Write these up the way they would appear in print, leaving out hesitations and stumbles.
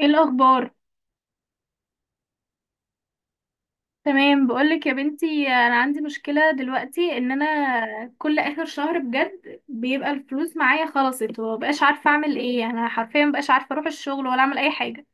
ايه الاخبار؟ تمام. بقولك يا بنتي، انا عندي مشكله دلوقتي ان انا كل اخر شهر بجد بيبقى الفلوس معايا خلصت ومبقاش عارفه اعمل ايه. انا حرفيا مبقاش عارفه اروح الشغل ولا اعمل اي حاجه.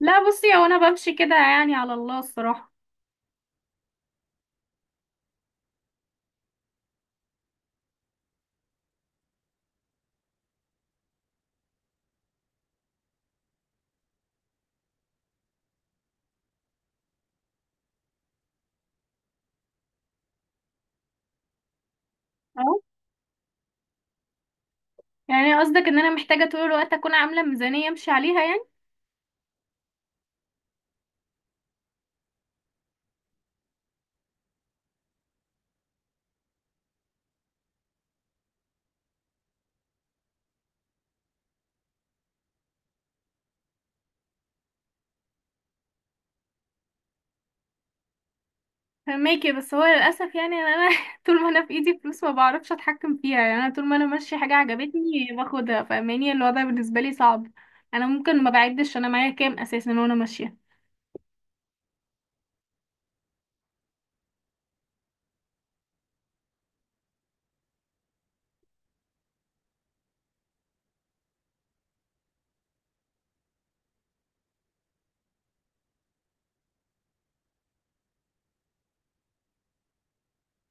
لا بصي، هو انا بمشي كده يعني على الله الصراحه. اه، يعني قصدك ان انا محتاجه طول الوقت اكون عامله ميزانيه امشي عليها؟ فهماكي، بس هو للاسف يعني انا طول ما انا في ايدي فلوس ما بعرفش اتحكم فيها. يعني انا طول ما انا ماشيه حاجه عجبتني باخدها. فاهماني؟ الوضع بالنسبه لي صعب. انا ممكن ما بعدش انا معايا كام اساسا وانا ماشيه.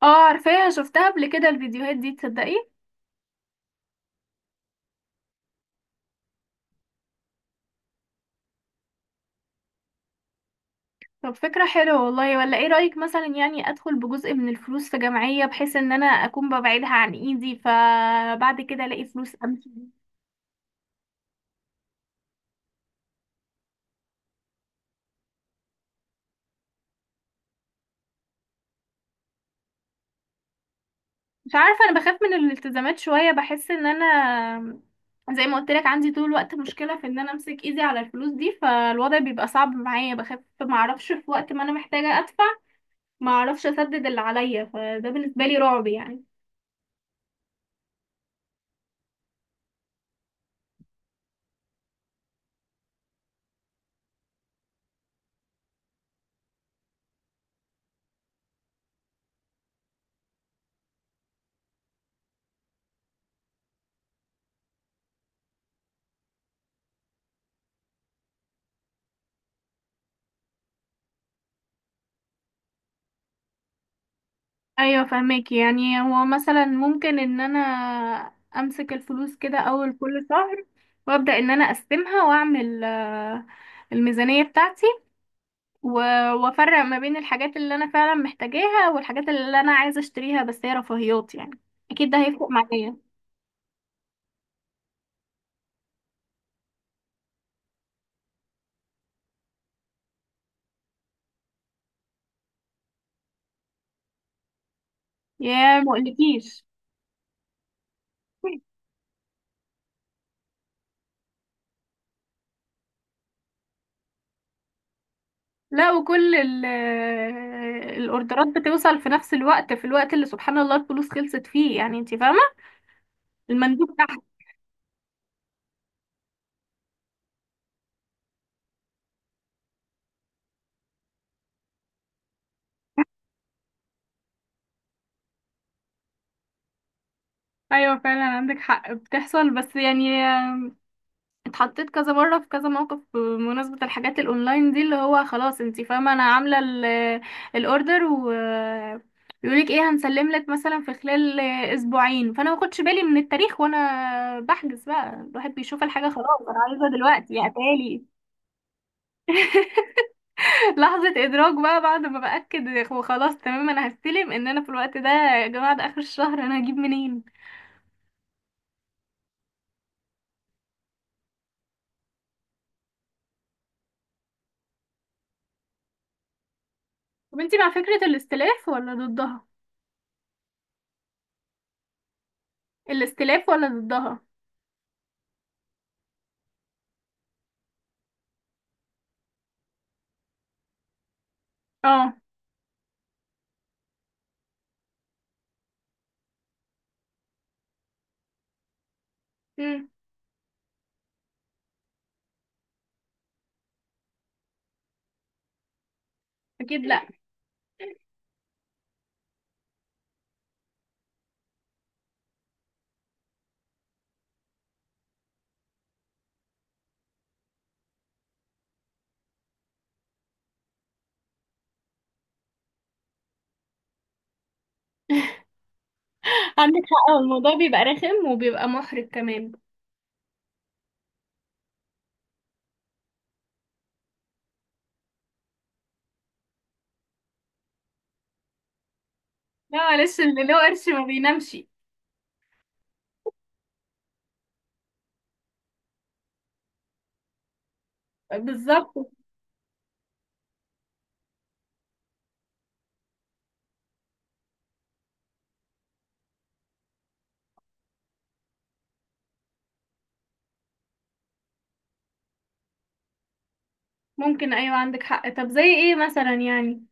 اه عارفاها، شفتها قبل كده الفيديوهات دي، تصدقي. طب فكره حلوه والله، ولا ايه رايك مثلا يعني ادخل بجزء من الفلوس في جمعيه بحيث ان انا اكون ببعدها عن ايدي، فبعد كده الاقي فلوس امشي. مش عارفة، انا بخاف من الالتزامات شوية. بحس ان انا زي ما قلت لك عندي طول الوقت مشكلة في ان انا امسك ايدي على الفلوس دي، فالوضع بيبقى صعب معايا. بخاف ما اعرفش في وقت ما انا محتاجة ادفع، ما اعرفش اسدد اللي عليا. فده بالنسبة لي رعب يعني. ايوه فهمك، يعني هو مثلا ممكن ان انا امسك الفلوس كده اول كل شهر وابدأ ان انا اقسمها واعمل الميزانية بتاعتي و- وافرق ما بين الحاجات اللي انا فعلا محتاجاها والحاجات اللي انا عايزه اشتريها بس هي رفاهيات يعني. اكيد ده هيفرق معايا. يا ما اقولكيش. لا، وكل الاوردرات بتوصل في نفس الوقت، في الوقت اللي سبحان الله الفلوس خلصت فيه، يعني انت فاهمه. المندوب تحت. ايوه فعلا عندك حق بتحصل، بس يعني اتحطيت كذا مرة في كذا موقف بمناسبة الحاجات الاونلاين دي، اللي هو خلاص انتي فاهمة انا عاملة الاوردر بيقولك ايه، هنسلم لك مثلا في خلال اسبوعين، فانا ما باخدش بالي من التاريخ وانا بحجز بقى. الواحد بيشوف الحاجة خلاص انا عايزة دلوقتي يا اتالي. لحظة ادراك بقى بعد ما باكد وخلاص، تمام انا هستلم ان انا في الوقت ده. يا جماعة ده اخر الشهر انا هجيب منين؟ طب انتي مع فكرة الاستلاف ولا ضدها؟ الاستلاف ولا ضدها؟ اه. امم. اكيد لا. عندك حق، هو الموضوع بيبقى رخم وبيبقى محرج كمان. لا معلش، اللي له قرش ما بينامش. بالظبط. ممكن، ايوه عندك حق. طب زي ايه مثلا يعني؟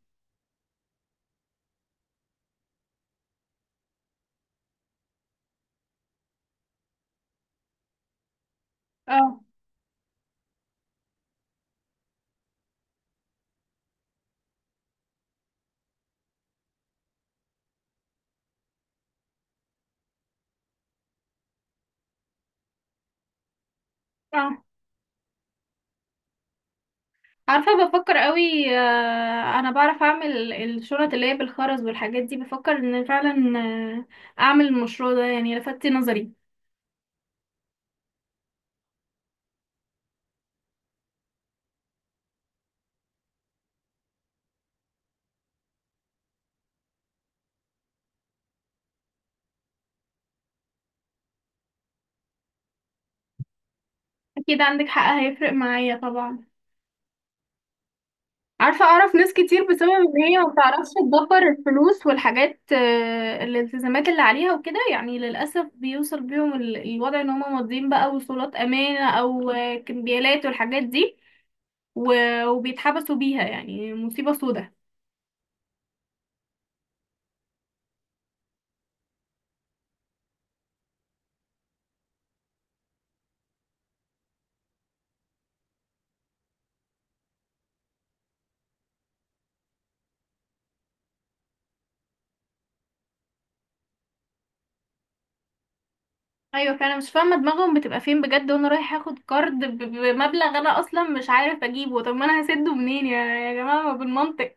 اه. اه عارفه، بفكر قوي. آه انا بعرف اعمل الشنط اللي هي بالخرز والحاجات دي. بفكر ان فعلا آه اعمل المشروع ده، يعني لفتي نظري. اكيد عندك حق، هيفرق معايا طبعا. عارفة، أعرف ناس كتير بسبب إن هي ما بتعرفش تدبر الفلوس والحاجات، الالتزامات اللي عليها وكده، يعني للأسف بيوصل بيهم الوضع إن هما ماضيين بقى وصولات أمانة أو كمبيالات والحاجات دي وبيتحبسوا بيها، يعني مصيبة سودة. أيوة، فأنا مش فاهمة دماغهم بتبقى فين بجد. وأنا رايح أخد كارد بمبلغ أنا أصلا مش عارف أجيبه، طب ما أنا هسده منين يا جماعة؟ ما بالمنطق.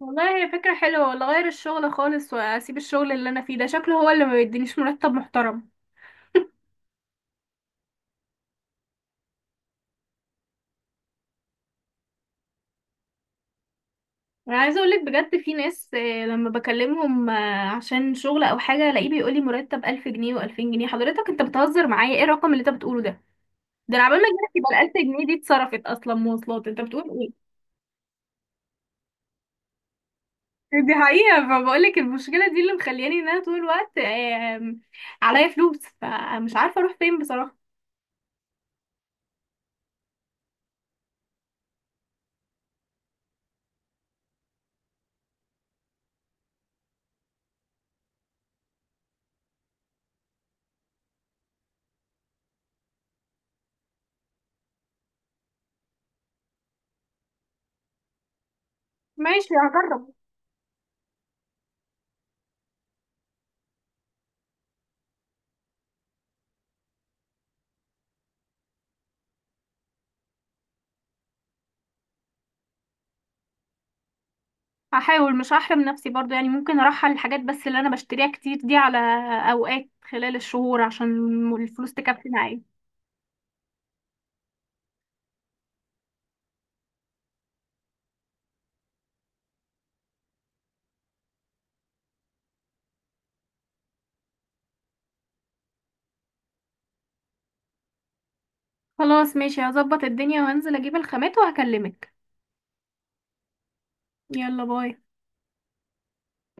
والله هي فكرة حلوة، ولا غير الشغل خالص وأسيب الشغل اللي أنا فيه ده، شكله هو اللي ما بيدينيش مرتب محترم. انا عايزه اقولك بجد، في ناس لما بكلمهم عشان شغل او حاجه، الاقيه بيقولي مرتب 1000 جنيه و2000 جنيه. حضرتك انت بتهزر معايا؟ ايه الرقم اللي انت بتقوله ده؟ ده انا عبال ما اجيلك يبقى ال 1000 جنيه دي اتصرفت اصلا مواصلات، انت بتقول ايه؟ دي حقيقه. فبقولك المشكله دي اللي مخلياني ان انا طول الوقت عليا فلوس، فمش عارفه اروح فين بصراحه. ماشي، هجرب. هحاول مش هحرم نفسي برضو يعني، ممكن ارحل الحاجات بس اللي انا بشتريها كتير دي على اوقات خلال الشهور عشان الفلوس تكفي معايا. خلاص ماشي، هظبط الدنيا وهنزل اجيب الخامات وهكلمك. يلا باي.